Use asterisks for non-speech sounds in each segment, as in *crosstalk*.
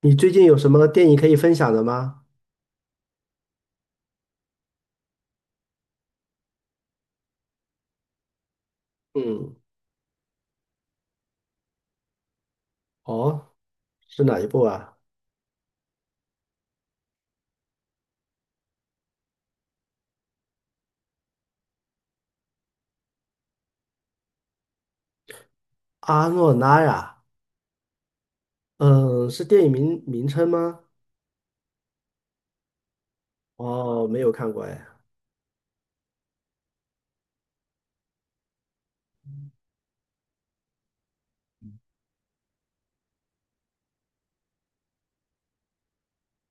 你最近有什么电影可以分享的吗？嗯，哦，是哪一部啊？阿诺拉呀，嗯，是电影名称吗？哦，没有看过哎。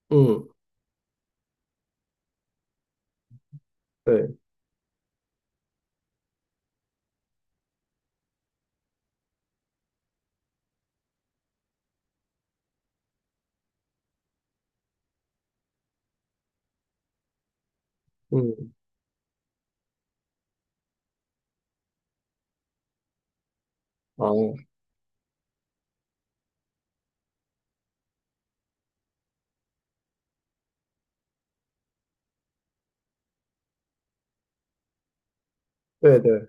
嗯，对，嗯，哦，对对，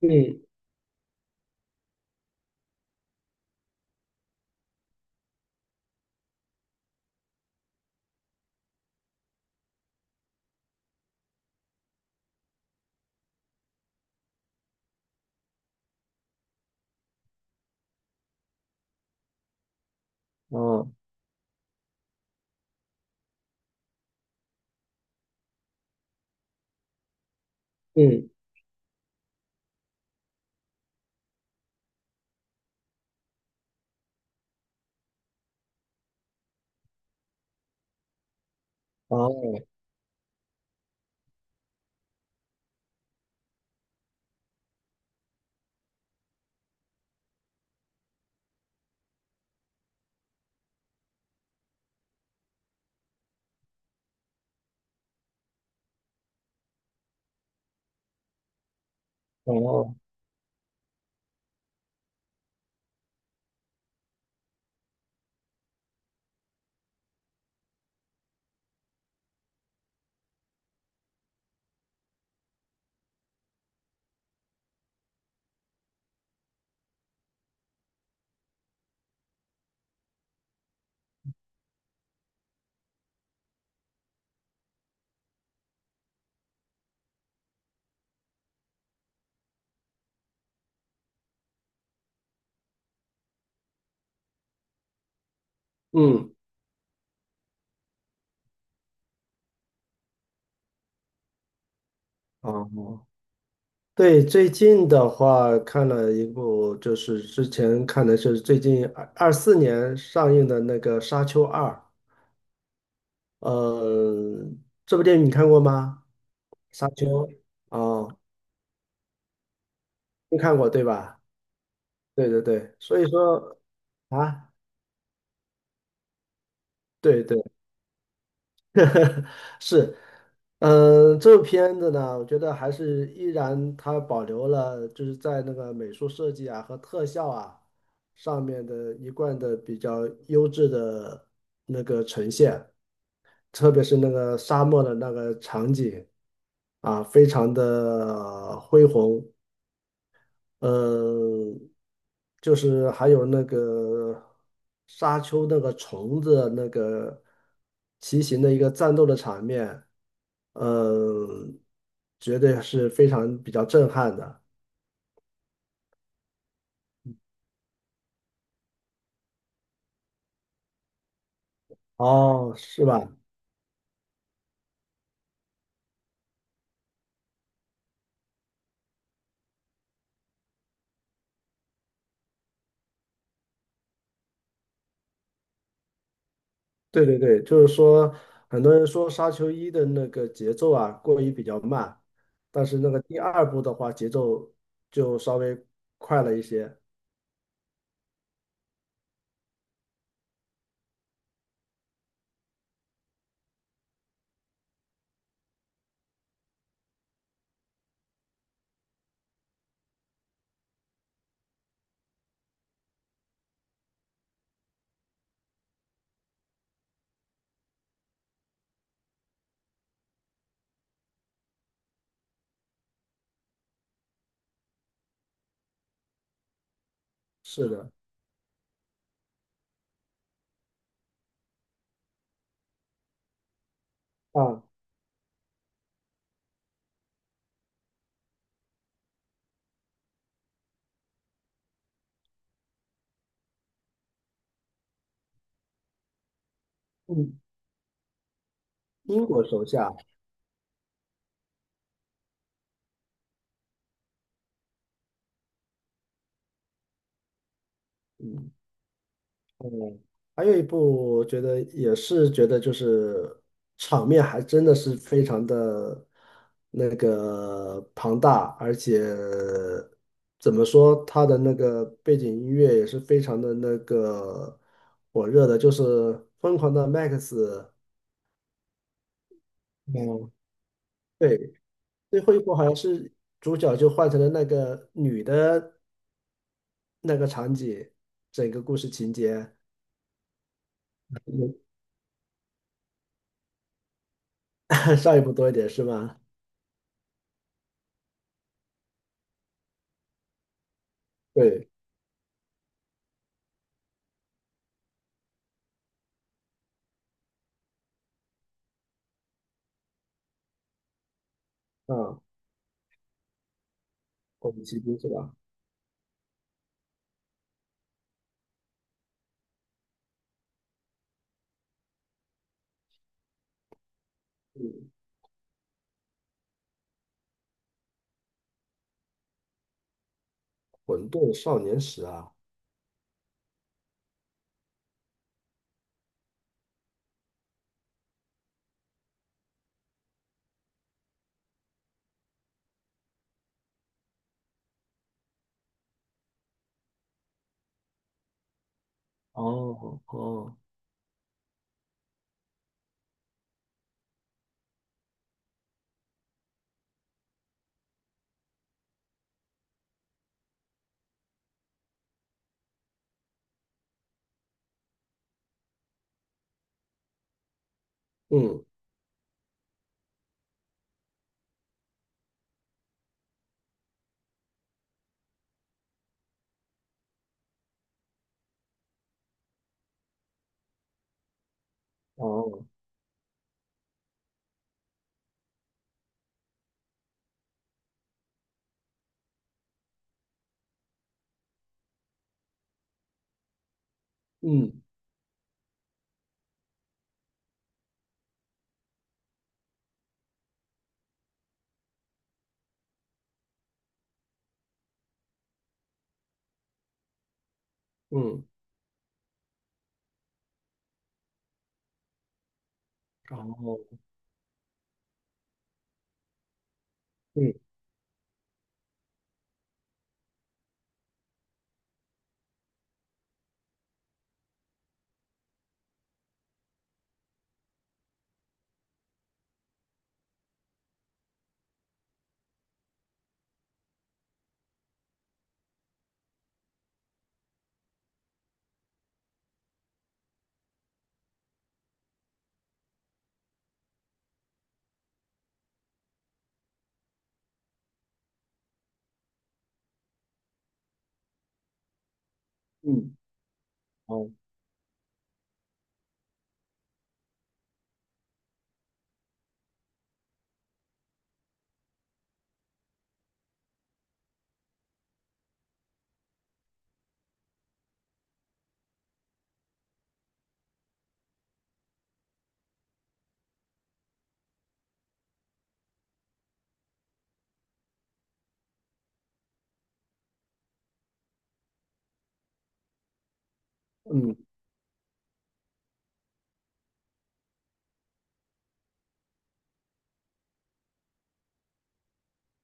嗯，哦，嗯，哦，哦，嗯，哦，对，最近的话看了一部，就是之前看的是最近2024年上映的那个《沙丘二》。呃，这部电影你看过吗？《沙丘》哦，没看过对吧？对对对，所以说啊，对对，*laughs* 是，这部片子呢，我觉得还是依然它保留了就是在那个美术设计啊和特效啊上面的一贯的比较优质的，特别是那个沙漠的那个场景啊，非常的恢宏。呃，就是还有那个沙丘那个虫子那个骑行的一个战斗的场面，嗯，绝对是非常比较震撼的。哦，是吧？对对对，就是说，很多人说《沙丘一》的那个节奏啊过于比较慢，但是那个第二部的话节奏就稍微快了一些。是的，啊，嗯，英国手下。还有一部，我觉得也是觉得就是场面还真的是非常的那个庞大，而且怎么说，它的那个背景音乐也是非常的那个火热的，就是《疯狂的 Max》。嗯，对，最后一部好像是主角就换成了那个女的那个场景，整个故事情节，嗯 *laughs* 上一部多一点是吗？对，啊，我们骑兵是吧？嗯，混沌少年时啊，哦哦，嗯哦嗯嗯，哦嗯嗯哦嗯，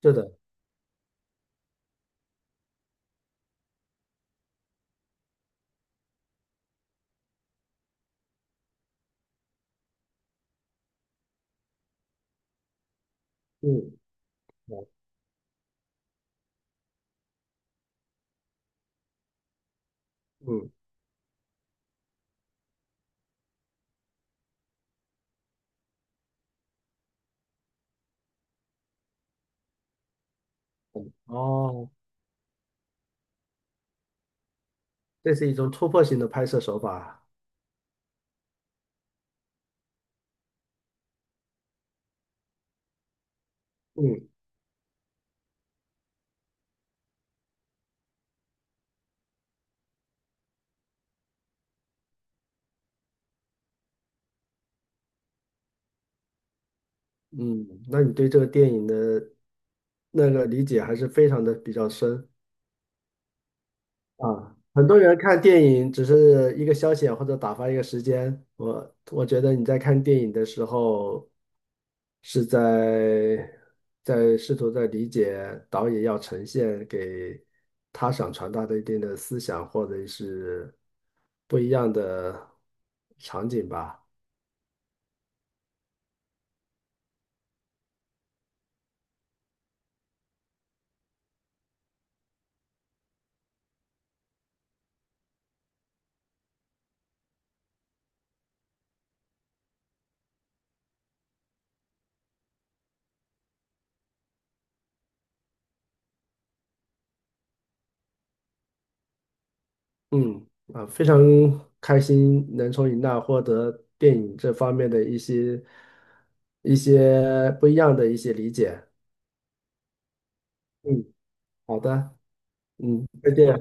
是的，嗯哦嗯嗯哦，这是一种突破性的拍摄手法啊。嗯嗯，那你对这个电影的那个理解还是非常的比较深。啊，很多人看电影只是一个消遣或者打发一个时间，我觉得你在看电影的时候是在试图在理解导演要呈现给他想传达的一定的思想或者是不一样的场景吧。嗯，啊，非常开心能从你那获得电影这方面的一些不一样的一些理解。嗯。好的，嗯，再见。